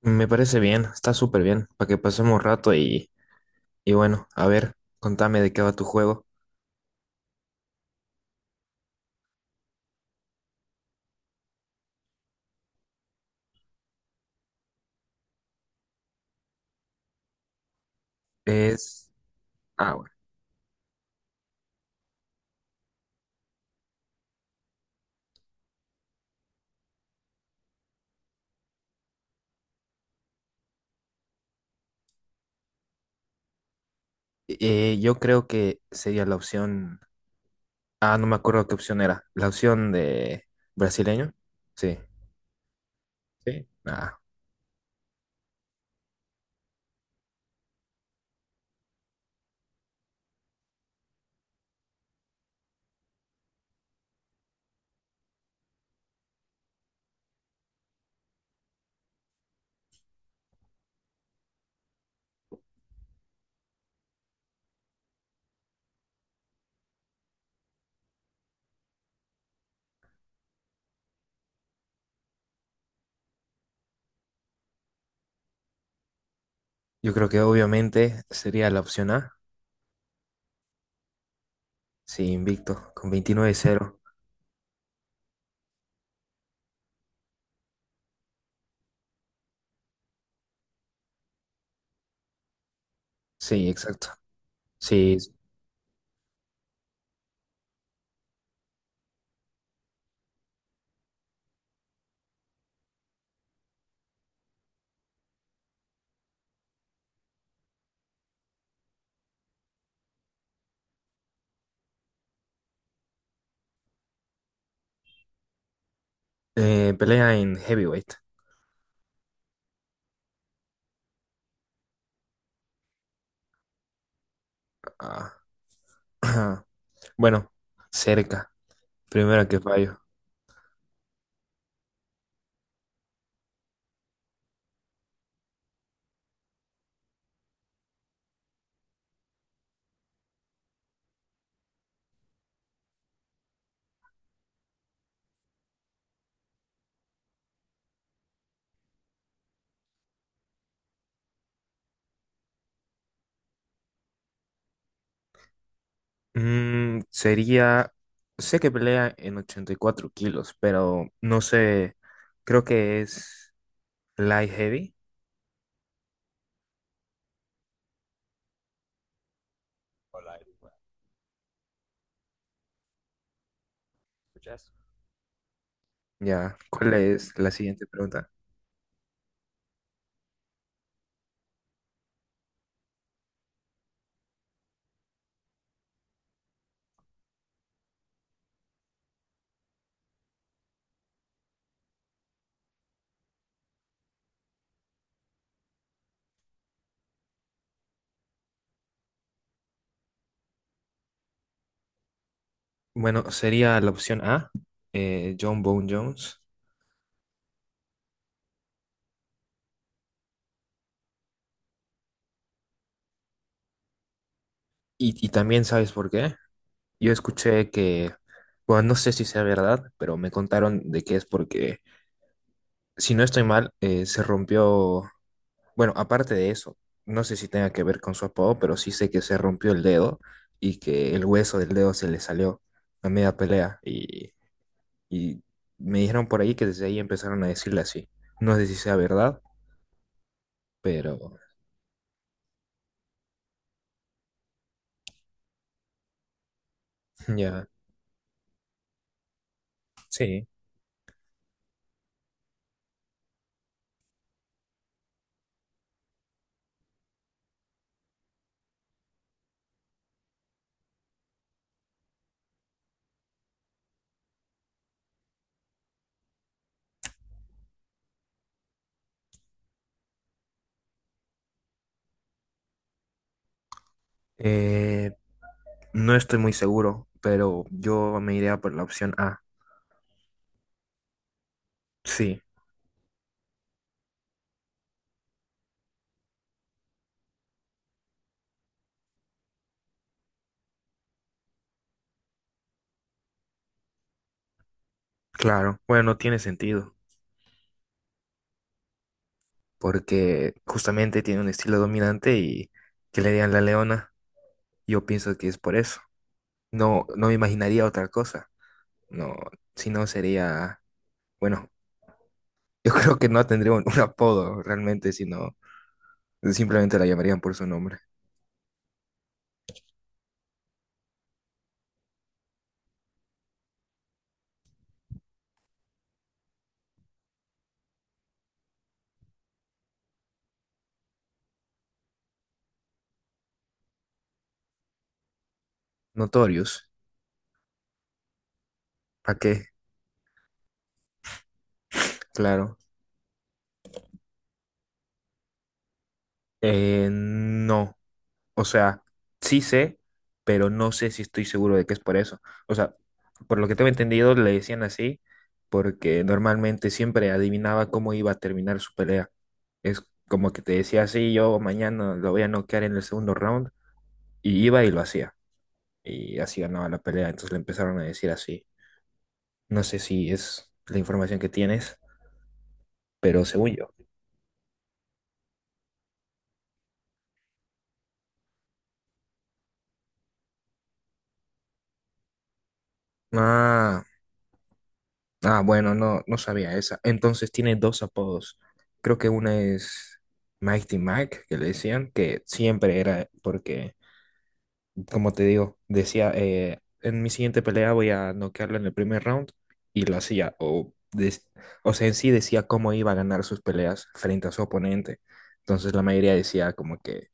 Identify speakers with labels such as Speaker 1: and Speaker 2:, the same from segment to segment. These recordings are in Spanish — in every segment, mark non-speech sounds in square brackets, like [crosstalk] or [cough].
Speaker 1: Me parece bien, está súper bien, para que pasemos rato y, a ver, contame de qué va tu juego. Es... Ah, bueno. Yo creo que sería la opción... Ah, no me acuerdo qué opción era. La opción de brasileño. Sí. Sí. Ah, yo creo que obviamente sería la opción A. Sí, invicto, con veintinueve cero. Sí, exacto. Sí, pelea en heavyweight. Ah, [clears throat] bueno, cerca. Primera que fallo. Mm, sería, sé que pelea en 84 kilos, pero no sé, creo que es light heavy. Hola, Eduardo. ¿Escuchas? Ya, ¿cuál es la siguiente pregunta? Bueno, sería la opción A, John Bone Jones. Y también, ¿sabes por qué? Yo escuché que, bueno, no sé si sea verdad, pero me contaron de que es porque, si no estoy mal, se rompió. Bueno, aparte de eso, no sé si tenga que ver con su apodo, pero sí sé que se rompió el dedo y que el hueso del dedo se le salió a media pelea. Y me dijeron por ahí que desde ahí empezaron a decirle así. No sé si sea verdad, pero [laughs] ya, sí. Eh, no estoy muy seguro, pero yo me iría por la opción A. Sí, claro. Bueno, no tiene sentido, porque justamente tiene un estilo dominante y que le digan la leona. Yo pienso que es por eso. No, no me imaginaría otra cosa. No, si no sería, bueno, [laughs] yo creo que no tendría un apodo realmente, sino simplemente la llamarían por su nombre. Notorious. ¿Para qué? Claro. No. O sea, sí sé, pero no sé si estoy seguro de que es por eso. O sea, por lo que tengo entendido, le decían así porque normalmente siempre adivinaba cómo iba a terminar su pelea. Es como que te decía, sí, yo mañana lo voy a noquear en el segundo round y iba y lo hacía. Y así ganaba la pelea, entonces le empezaron a decir así. No sé si es la información que tienes, pero según yo. Ah, ah, bueno, no sabía esa. Entonces tiene dos apodos. Creo que una es Mighty Mike, que le decían, que siempre era porque, como te digo, decía, en mi siguiente pelea voy a noquearlo en el primer round y lo hacía. O, o sea, en sí decía cómo iba a ganar sus peleas frente a su oponente. Entonces la mayoría decía como que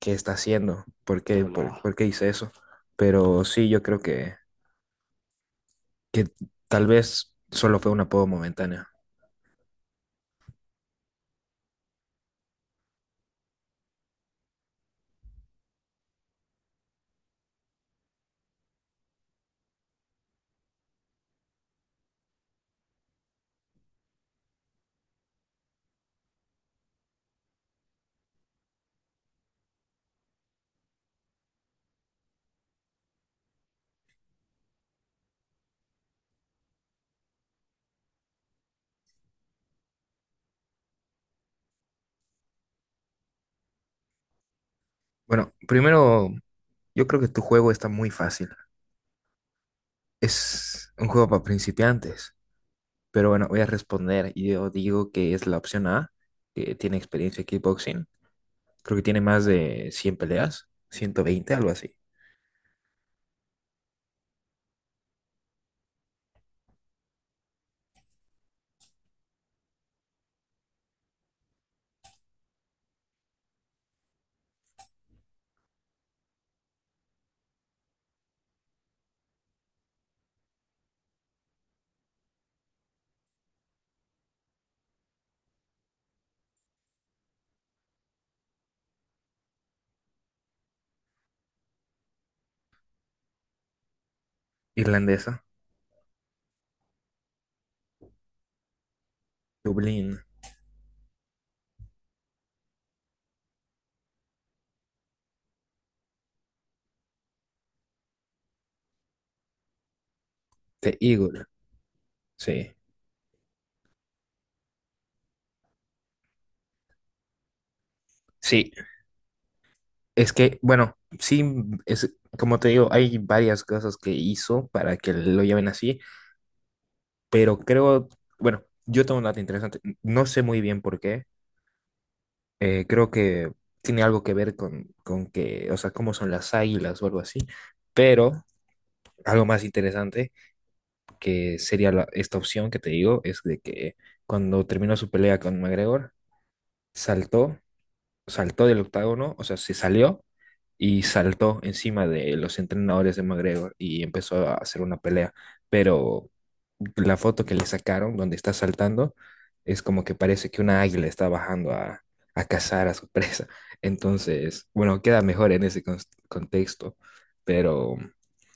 Speaker 1: qué está haciendo, por qué, no, por, no, por qué hice eso. Pero sí, yo creo que tal vez solo fue un apodo momentáneo. Bueno, primero, yo creo que tu juego está muy fácil. Es un juego para principiantes. Pero bueno, voy a responder. Y Yo digo que es la opción A, que tiene experiencia en kickboxing. Creo que tiene más de 100 peleas, 120, algo así. Irlandesa, Dublín, The Eagle. Sí. Sí, es que, bueno, sí, es, como te digo, hay varias cosas que hizo para que lo lleven así, pero creo, bueno, yo tengo un dato interesante, no sé muy bien por qué, creo que tiene algo que ver con que, o sea, cómo son las águilas o algo así, pero algo más interesante que sería esta opción que te digo es de que cuando terminó su pelea con McGregor, saltó saltó del octágono, o sea, se salió y saltó encima de los entrenadores de McGregor y empezó a hacer una pelea. Pero la foto que le sacaron, donde está saltando, es como que parece que una águila está bajando a cazar a su [laughs] presa. Entonces, bueno, queda mejor en ese contexto, pero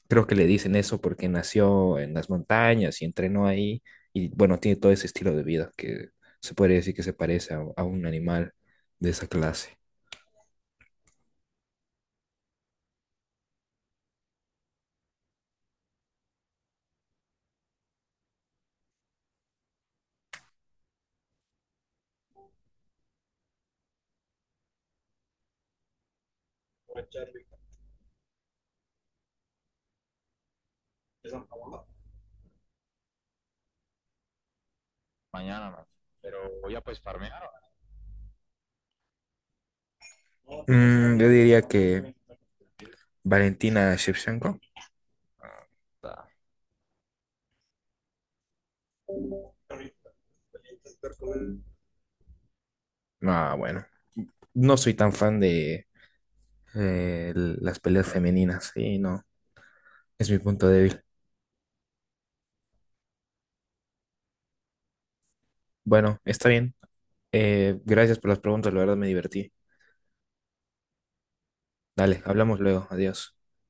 Speaker 1: creo que le dicen eso porque nació en las montañas y entrenó ahí y bueno, tiene todo ese estilo de vida que se puede decir que se parece a un animal de esa clase. Mm, yo diría que Valentina Shevchenko. Ah, bueno. No soy tan fan de las peleas femeninas. Sí, no. Es mi punto débil. Bueno, está bien. Gracias por las preguntas. La verdad me divertí. Dale, hablamos luego. Adiós.